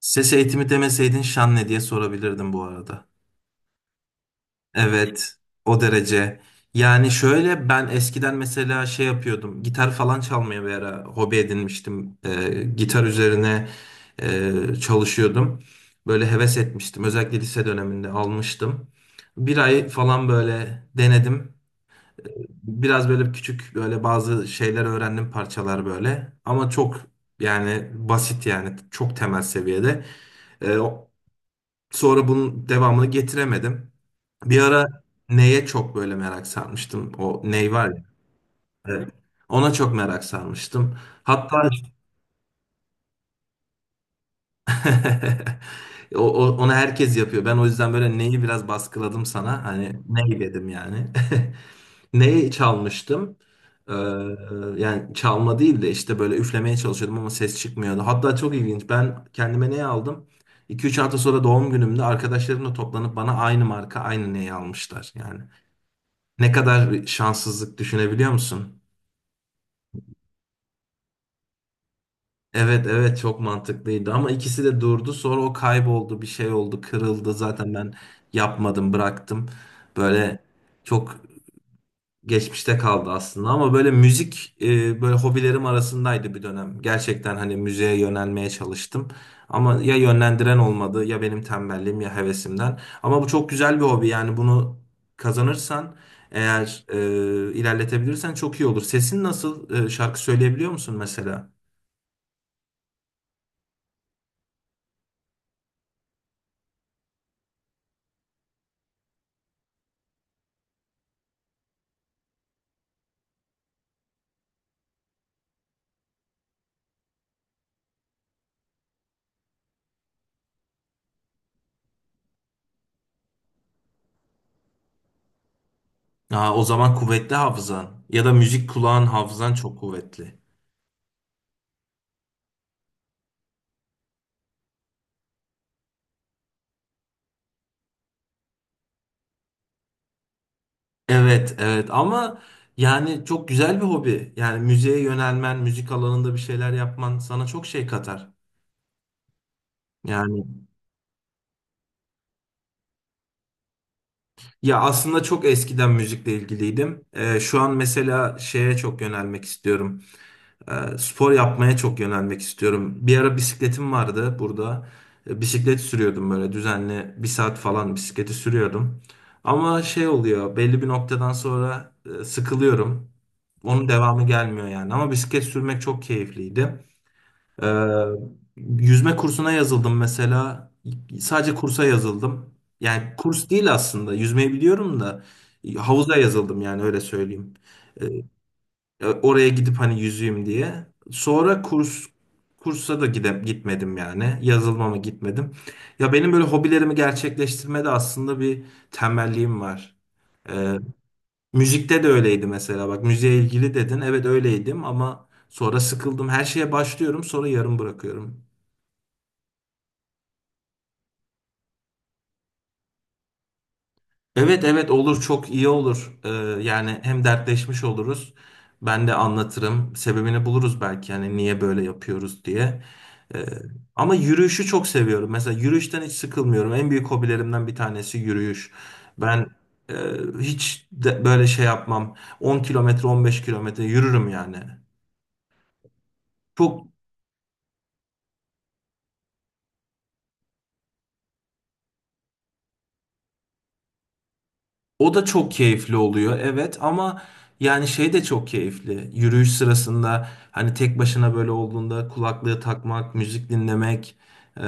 Ses eğitimi demeseydin şan ne diye sorabilirdim bu arada. Evet, o derece. Yani şöyle ben eskiden mesela şey yapıyordum. Gitar falan çalmaya bir ara hobi edinmiştim. Gitar üzerine çalışıyordum. Böyle heves etmiştim. Özellikle lise döneminde almıştım. Bir ay falan böyle denedim. Biraz böyle küçük böyle bazı şeyler öğrendim, parçalar böyle. Ama çok, yani basit, yani çok temel seviyede. Sonra bunun devamını getiremedim. Bir ara neye çok böyle merak sarmıştım. O ney var ya. Evet. Ona çok merak sarmıştım. Hatta onu herkes yapıyor. Ben o yüzden böyle neyi biraz baskıladım sana. Hani ney dedim yani. Neyi çalmıştım? Ee, yani çalma değil de işte böyle üflemeye çalışıyordum ama ses çıkmıyordu. Hatta çok ilginç. Ben kendime neyi aldım? 2 üç hafta sonra doğum günümde arkadaşlarımla toplanıp bana aynı marka aynı neyi almışlar yani. Ne kadar bir şanssızlık düşünebiliyor musun? Evet, evet, çok mantıklıydı ama ikisi de durdu, sonra o kayboldu, bir şey oldu, kırıldı, zaten ben yapmadım, bıraktım. Böyle çok geçmişte kaldı aslında ama böyle müzik böyle hobilerim arasındaydı bir dönem. Gerçekten hani müziğe yönelmeye çalıştım. Ama ya yönlendiren olmadı, ya benim tembelliğim, ya hevesimden. Ama bu çok güzel bir hobi yani, bunu kazanırsan eğer, ilerletebilirsen çok iyi olur. Sesin nasıl? Şarkı söyleyebiliyor musun mesela? Aa, o zaman kuvvetli hafızan, ya da müzik kulağın, hafızan çok kuvvetli. Evet, evet, ama yani çok güzel bir hobi. Yani müziğe yönelmen, müzik alanında bir şeyler yapman sana çok şey katar. Yani, ya aslında çok eskiden müzikle ilgiliydim. Şu an mesela şeye çok yönelmek istiyorum. Spor yapmaya çok yönelmek istiyorum. Bir ara bisikletim vardı burada. Bisiklet sürüyordum böyle, düzenli bir saat falan bisikleti sürüyordum. Ama şey oluyor, belli bir noktadan sonra sıkılıyorum. Onun devamı gelmiyor yani. Ama bisiklet sürmek çok keyifliydi. Ee, yüzme kursuna yazıldım mesela. Sadece kursa yazıldım. Yani kurs değil aslında. Yüzmeyi biliyorum da havuza yazıldım yani, öyle söyleyeyim. Ee, oraya gidip hani yüzeyim diye. Sonra kursa da gitmedim yani. Yazılmama gitmedim. Ya benim böyle hobilerimi gerçekleştirmede aslında bir tembelliğim var. Ee, müzikte de öyleydi mesela. Bak, müziğe ilgili dedin. Evet öyleydim ama sonra sıkıldım. Her şeye başlıyorum, sonra yarım bırakıyorum. Evet, evet, olur, çok iyi olur. Yani hem dertleşmiş oluruz. Ben de anlatırım. Sebebini buluruz belki, yani niye böyle yapıyoruz diye. Ee, ama yürüyüşü çok seviyorum. Mesela yürüyüşten hiç sıkılmıyorum. En büyük hobilerimden bir tanesi yürüyüş. Ben e, hiç de böyle şey yapmam. 10 kilometre, 15 kilometre yürürüm yani. Çok. O da çok keyifli oluyor, evet, ama yani şey de çok keyifli. Yürüyüş sırasında hani tek başına böyle olduğunda, kulaklığı takmak, müzik dinlemek, e,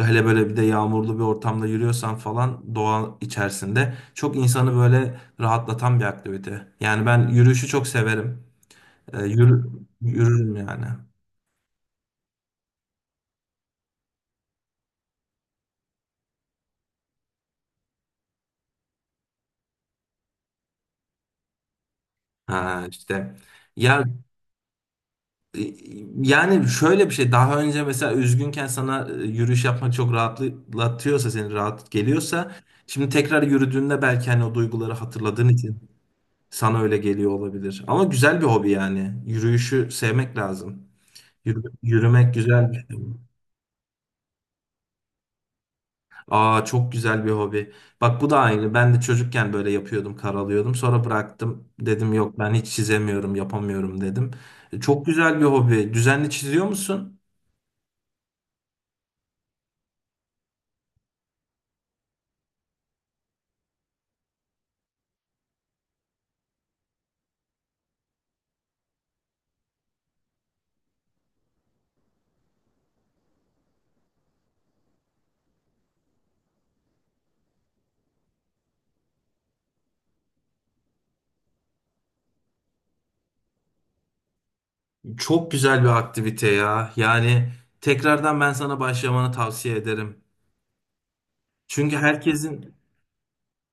hele böyle bir de yağmurlu bir ortamda yürüyorsan falan, doğa içerisinde çok insanı böyle rahatlatan bir aktivite. Yani ben yürüyüşü çok severim. E, yürü, yürürüm yani. Ha işte. Ya, Ee, yani şöyle bir şey, daha önce mesela üzgünken sana yürüyüş yapmak çok rahatlatıyorsa, seni rahat geliyorsa, şimdi tekrar yürüdüğünde belki hani o duyguları hatırladığın için sana öyle geliyor olabilir. Ama güzel bir hobi yani. Yürüyüşü sevmek lazım. Yürümek güzel bir şey. Aa, çok güzel bir hobi. Bak, bu da aynı. Ben de çocukken böyle yapıyordum, karalıyordum. Sonra bıraktım. Dedim yok, ben hiç çizemiyorum, yapamıyorum dedim. Çok güzel bir hobi. Düzenli çiziyor musun? Çok güzel bir aktivite ya. Yani tekrardan ben sana başlamanı tavsiye ederim. Çünkü herkesin,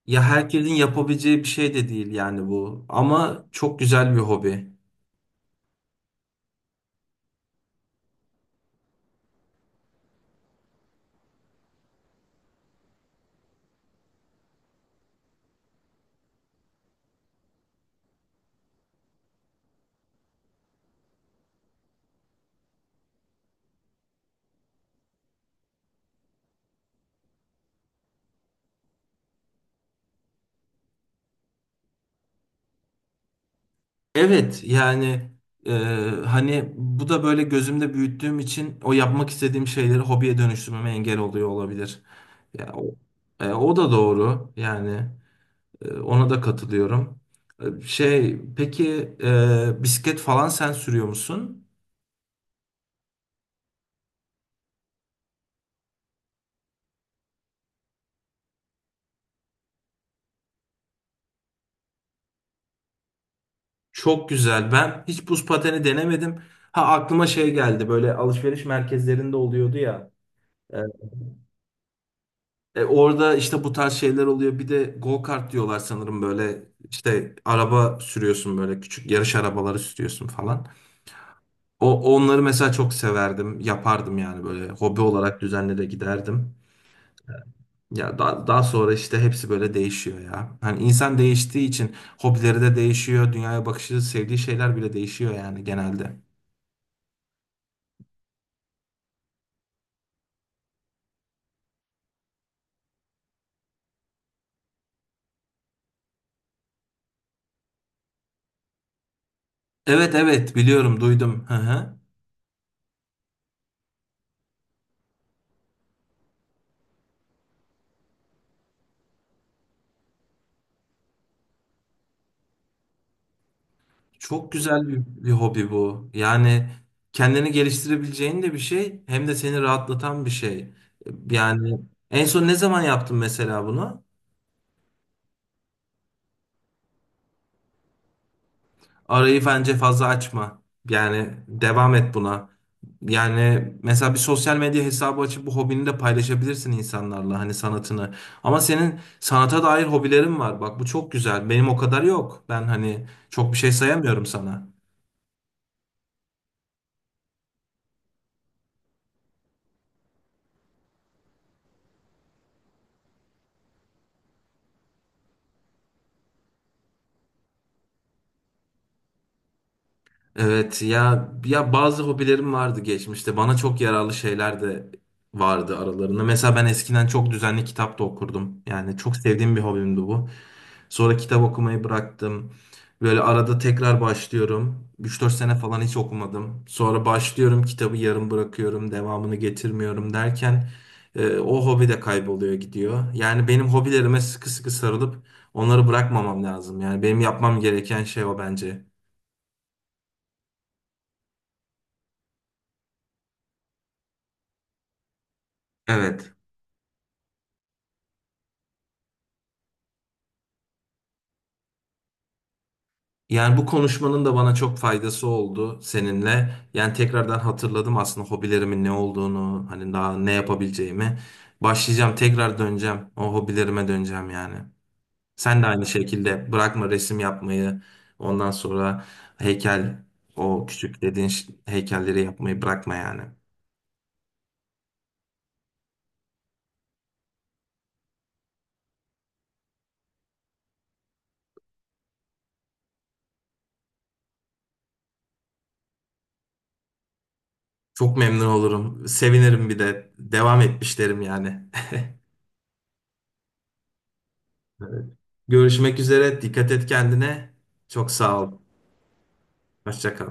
ya herkesin yapabileceği bir şey de değil yani bu. Ama çok güzel bir hobi. Evet yani, e, hani bu da böyle gözümde büyüttüğüm için, o yapmak istediğim şeyleri hobiye dönüştürmeme engel oluyor olabilir. Ya o da doğru yani. Ona da katılıyorum. Şey, peki, bisiklet falan sen sürüyor musun? Çok güzel. Ben hiç buz pateni denemedim. Ha, aklıma şey geldi. Böyle alışveriş merkezlerinde oluyordu ya. E, orada işte bu tarz şeyler oluyor. Bir de go kart diyorlar sanırım, böyle işte araba sürüyorsun, böyle küçük yarış arabaları sürüyorsun falan. Onları mesela çok severdim. Yapardım yani, böyle hobi olarak düzenli de giderdim. Ya, daha sonra işte hepsi böyle değişiyor ya. Hani insan değiştiği için hobileri de değişiyor. Dünyaya bakışı, sevdiği şeyler bile değişiyor yani genelde. Evet, evet, biliyorum, duydum. Hı hı. Çok güzel bir hobi bu. Yani kendini geliştirebileceğin de bir şey, hem de seni rahatlatan bir şey. Yani en son ne zaman yaptın mesela bunu? Arayı bence fazla açma. Yani devam et buna. Yani mesela bir sosyal medya hesabı açıp bu hobini de paylaşabilirsin insanlarla, hani sanatını. Ama senin sanata dair hobilerin var. Bak, bu çok güzel. Benim o kadar yok. Ben hani çok bir şey sayamıyorum sana. Evet ya, ya bazı hobilerim vardı geçmişte. Bana çok yararlı şeyler de vardı aralarında. Mesela ben eskiden çok düzenli kitap da okurdum. Yani çok sevdiğim bir hobimdi bu. Sonra kitap okumayı bıraktım. Böyle arada tekrar başlıyorum. Üç dört sene falan hiç okumadım. Sonra başlıyorum, kitabı yarım bırakıyorum, devamını getirmiyorum derken o hobi de kayboluyor gidiyor. Yani benim hobilerime sıkı sıkı sarılıp onları bırakmamam lazım. Yani benim yapmam gereken şey o bence. Evet. Yani bu konuşmanın da bana çok faydası oldu seninle. Yani tekrardan hatırladım aslında hobilerimin ne olduğunu, hani daha ne yapabileceğimi. Başlayacağım, tekrar döneceğim. O hobilerime döneceğim yani. Sen de aynı şekilde bırakma resim yapmayı. Ondan sonra heykel, o küçük dediğin heykelleri yapmayı bırakma yani. Çok memnun olurum. Sevinirim bir de. Devam etmişlerim yani. Görüşmek üzere. Dikkat et kendine. Çok sağ ol. Hoşça kal.